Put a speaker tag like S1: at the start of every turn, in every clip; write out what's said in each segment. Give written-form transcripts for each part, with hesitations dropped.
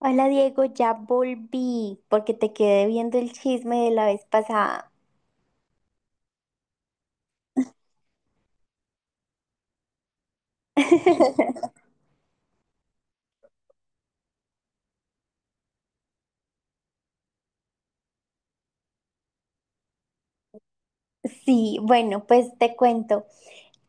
S1: Hola Diego, ya volví porque te quedé viendo el chisme de la vez pasada. Sí, bueno, pues te cuento.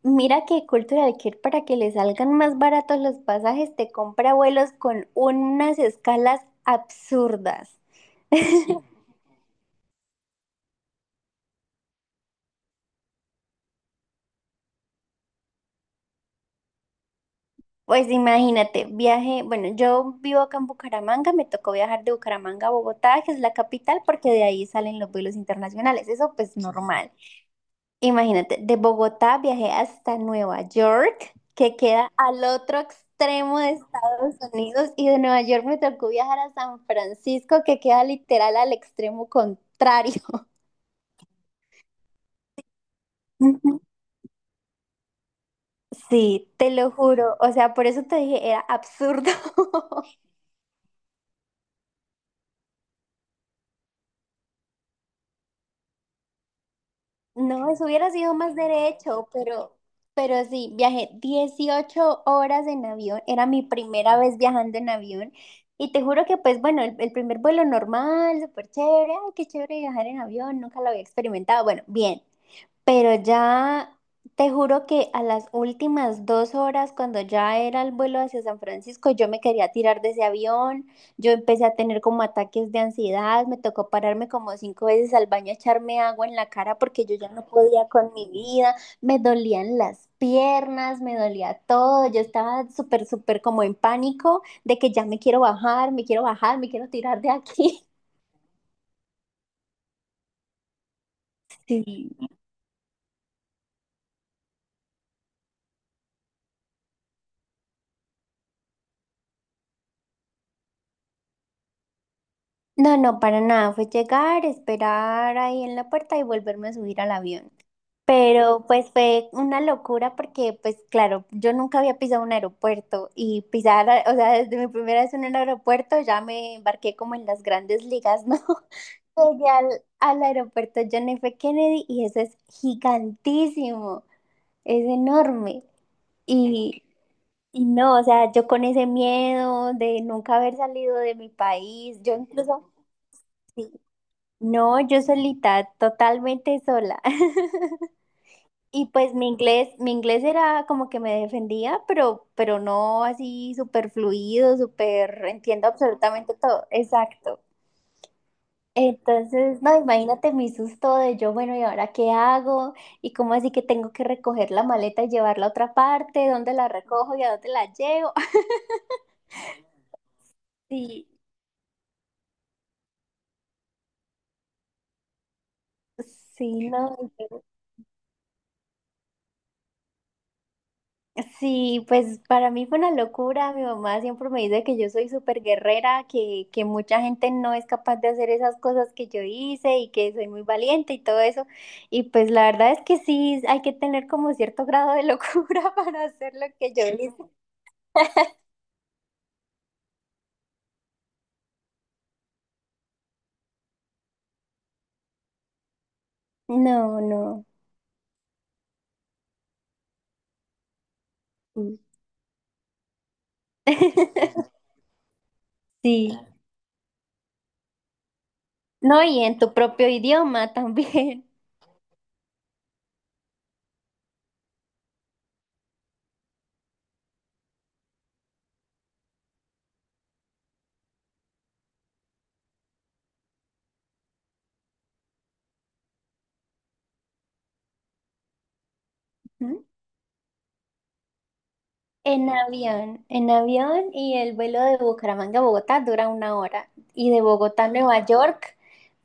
S1: Mira que Cultural Care para que le salgan más baratos los pasajes te compra vuelos con unas escalas absurdas. Pues imagínate, viaje, bueno, yo vivo acá en Bucaramanga, me tocó viajar de Bucaramanga a Bogotá, que es la capital, porque de ahí salen los vuelos internacionales, eso pues normal. Imagínate, de Bogotá viajé hasta Nueva York, que queda al otro extremo de Estados Unidos, y de Nueva York me tocó viajar a San Francisco, que queda literal al extremo contrario. Sí, te lo juro. O sea, por eso te dije, era absurdo. No, eso hubiera sido más derecho, pero sí, viajé 18 horas en avión, era mi primera vez viajando en avión y te juro que pues bueno, el primer vuelo normal, súper chévere, ay, qué chévere viajar en avión, nunca lo había experimentado, bueno, bien, pero ya te juro que a las últimas 2 horas, cuando ya era el vuelo hacia San Francisco, yo me quería tirar de ese avión, yo empecé a tener como ataques de ansiedad, me tocó pararme como 5 veces al baño a echarme agua en la cara porque yo ya no podía con mi vida, me dolían las piernas, me dolía todo, yo estaba súper, súper como en pánico de que ya me quiero bajar, me quiero bajar, me quiero tirar de aquí. Sí. No, no, para nada. Fue llegar, esperar ahí en la puerta y volverme a subir al avión. Pero pues fue una locura porque pues claro, yo nunca había pisado un aeropuerto y pisar, o sea, desde mi primera vez en un aeropuerto ya me embarqué como en las grandes ligas, ¿no? Llegué al aeropuerto John F. Kennedy y eso es gigantísimo, es enorme. Y, y no, o sea, yo con ese miedo de nunca haber salido de mi país, yo incluso... Sí, no, yo solita, totalmente sola. Y pues mi inglés era como que me defendía, pero no así súper fluido, súper entiendo absolutamente todo. Exacto. Entonces, no, imagínate mi susto de yo, bueno, ¿y ahora qué hago? ¿Y cómo así que tengo que recoger la maleta y llevarla a otra parte? ¿Dónde la recojo y a dónde la llevo? Sí, sí, no. Sí, pues para mí fue una locura. Mi mamá siempre me dice que yo soy súper guerrera, que mucha gente no es capaz de hacer esas cosas que yo hice y que soy muy valiente y todo eso. Y pues la verdad es que sí, hay que tener como cierto grado de locura para hacer lo que yo hice. No, no. Sí. Sí. No, y en tu propio idioma también. ¿Mm? En avión y el vuelo de Bucaramanga a Bogotá dura una hora y de Bogotá a Nueva York.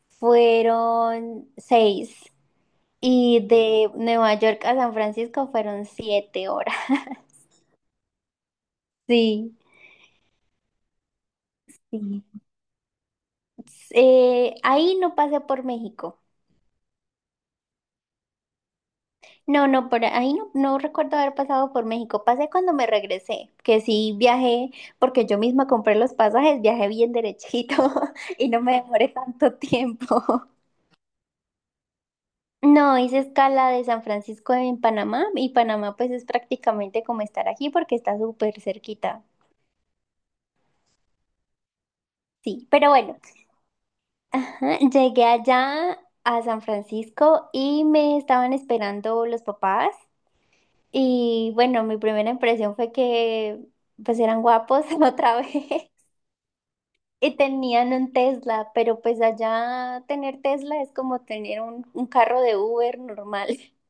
S1: Fueron seis. Y de Nueva York a San Francisco fueron 7 horas. Sí, sí. Ahí no pasé por México. No, no, por ahí no, no recuerdo haber pasado por México. Pasé cuando me regresé, que sí viajé, porque yo misma compré los pasajes, viajé bien derechito y no me demoré tanto tiempo. No, hice escala de San Francisco en Panamá y Panamá pues es prácticamente como estar aquí porque está súper cerquita. Sí, pero bueno, ajá, llegué allá a San Francisco y me estaban esperando los papás. Y bueno, mi primera impresión fue que pues eran guapos otra vez y tenían un Tesla, pero pues allá tener Tesla es como tener un carro de Uber normal.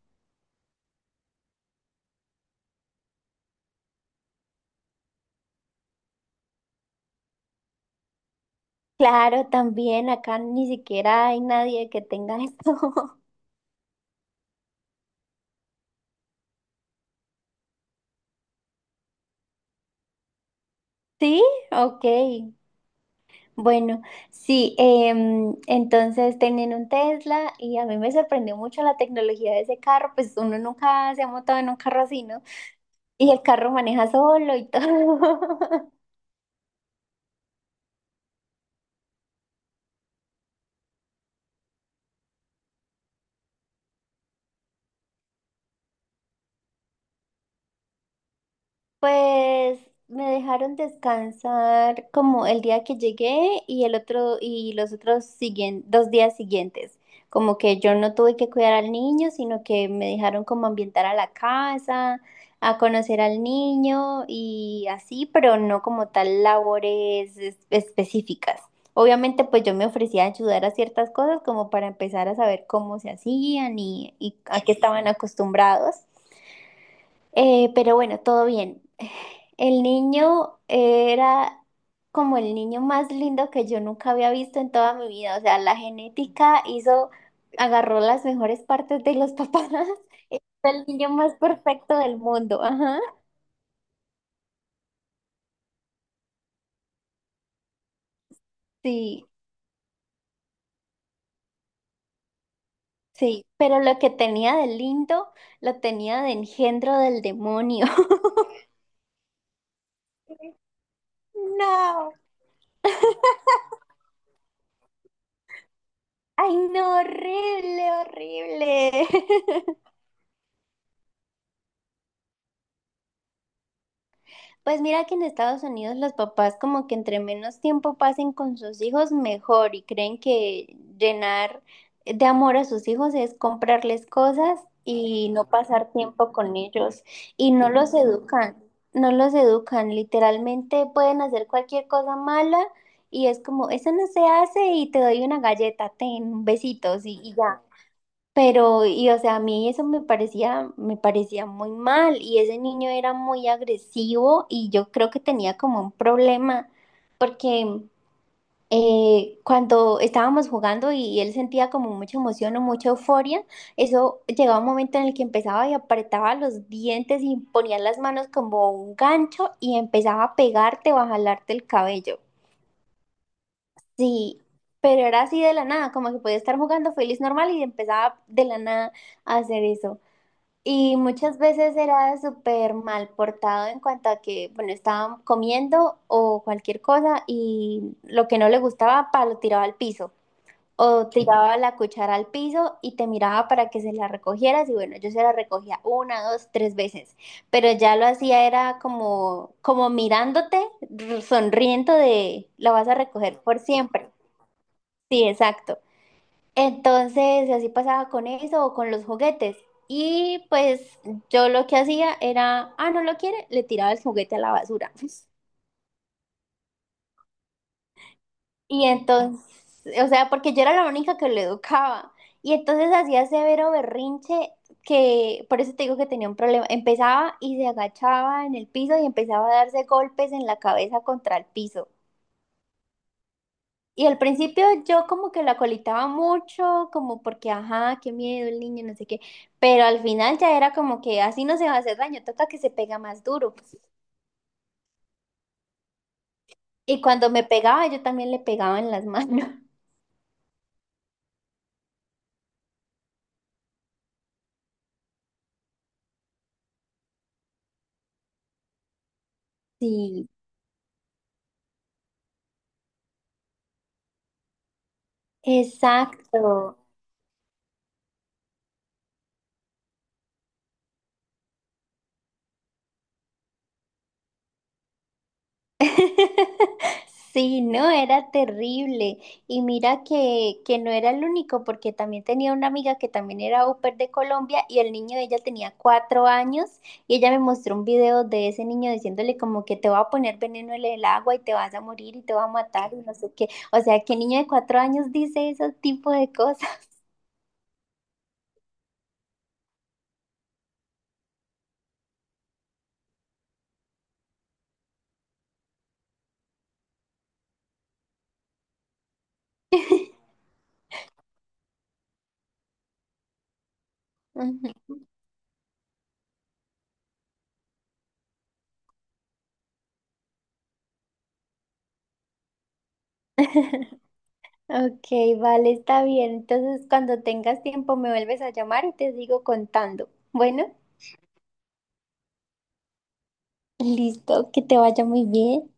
S1: Claro, también acá ni siquiera hay nadie que tenga esto. Sí, ok. Bueno, sí, entonces tenían un Tesla y a mí me sorprendió mucho la tecnología de ese carro, pues uno nunca se ha montado en un carro así, ¿no? Y el carro maneja solo y todo. Pues me dejaron descansar como el día que llegué y el otro y los otros siguen, 2 días siguientes. Como que yo no tuve que cuidar al niño, sino que me dejaron como ambientar a la casa, a conocer al niño y así, pero no como tal labores específicas. Obviamente, pues yo me ofrecía a ayudar a ciertas cosas como para empezar a saber cómo se hacían y a qué estaban acostumbrados. Pero bueno, todo bien. El niño era como el niño más lindo que yo nunca había visto en toda mi vida. O sea, la genética hizo, agarró las mejores partes de los papás. Es el niño más perfecto del mundo. Ajá. Sí, sí. Pero lo que tenía de lindo, lo tenía de engendro del demonio. No. Ay, no, horrible, horrible. Pues mira que en Estados Unidos los papás como que entre menos tiempo pasen con sus hijos mejor y creen que llenar de amor a sus hijos es comprarles cosas y no pasar tiempo con ellos y no los educan, no los educan, literalmente pueden hacer cualquier cosa mala y es como, eso no se hace y te doy una galleta, ten besitos y ya. Pero, y o sea, a mí eso me parecía muy mal y ese niño era muy agresivo y yo creo que tenía como un problema porque cuando estábamos jugando y él sentía como mucha emoción o mucha euforia, eso llegaba un momento en el que empezaba y apretaba los dientes y ponía las manos como un gancho y empezaba a pegarte o a jalarte el cabello. Sí, pero era así de la nada, como que podía estar jugando feliz normal y empezaba de la nada a hacer eso. Y muchas veces era súper mal portado en cuanto a que, bueno, estaban comiendo o cualquier cosa y lo que no le gustaba, pa, lo tiraba al piso. O tiraba la cuchara al piso y te miraba para que se la recogieras y bueno, yo se la recogía una, dos, tres veces. Pero ya lo hacía era como, como mirándote, sonriendo de, la vas a recoger por siempre. Sí, exacto. Entonces, así pasaba con eso o con los juguetes. Y pues yo lo que hacía era, ah, no lo quiere, le tiraba el juguete a la basura. Y entonces, o sea, porque yo era la única que lo educaba. Y entonces hacía severo berrinche que, por eso te digo que tenía un problema. Empezaba y se agachaba en el piso y empezaba a darse golpes en la cabeza contra el piso. Y al principio yo como que la colitaba mucho, como porque, ajá, qué miedo el niño, no sé qué, pero al final ya era como que así no se va a hacer daño, toca que se pega más duro. Pues. Y cuando me pegaba, yo también le pegaba en las manos. Sí, exacto. Sí, no, era terrible. Y mira que no era el único, porque también tenía una amiga que también era au pair de Colombia y el niño de ella tenía 4 años y ella me mostró un video de ese niño diciéndole como que te va a poner veneno en el agua y te vas a morir y te va a matar y no sé qué. O sea, ¿qué niño de 4 años dice ese tipo de cosas? Ujú. Ok, vale, está bien. Entonces, cuando tengas tiempo me vuelves a llamar y te sigo contando. Bueno. Listo, que te vaya muy bien.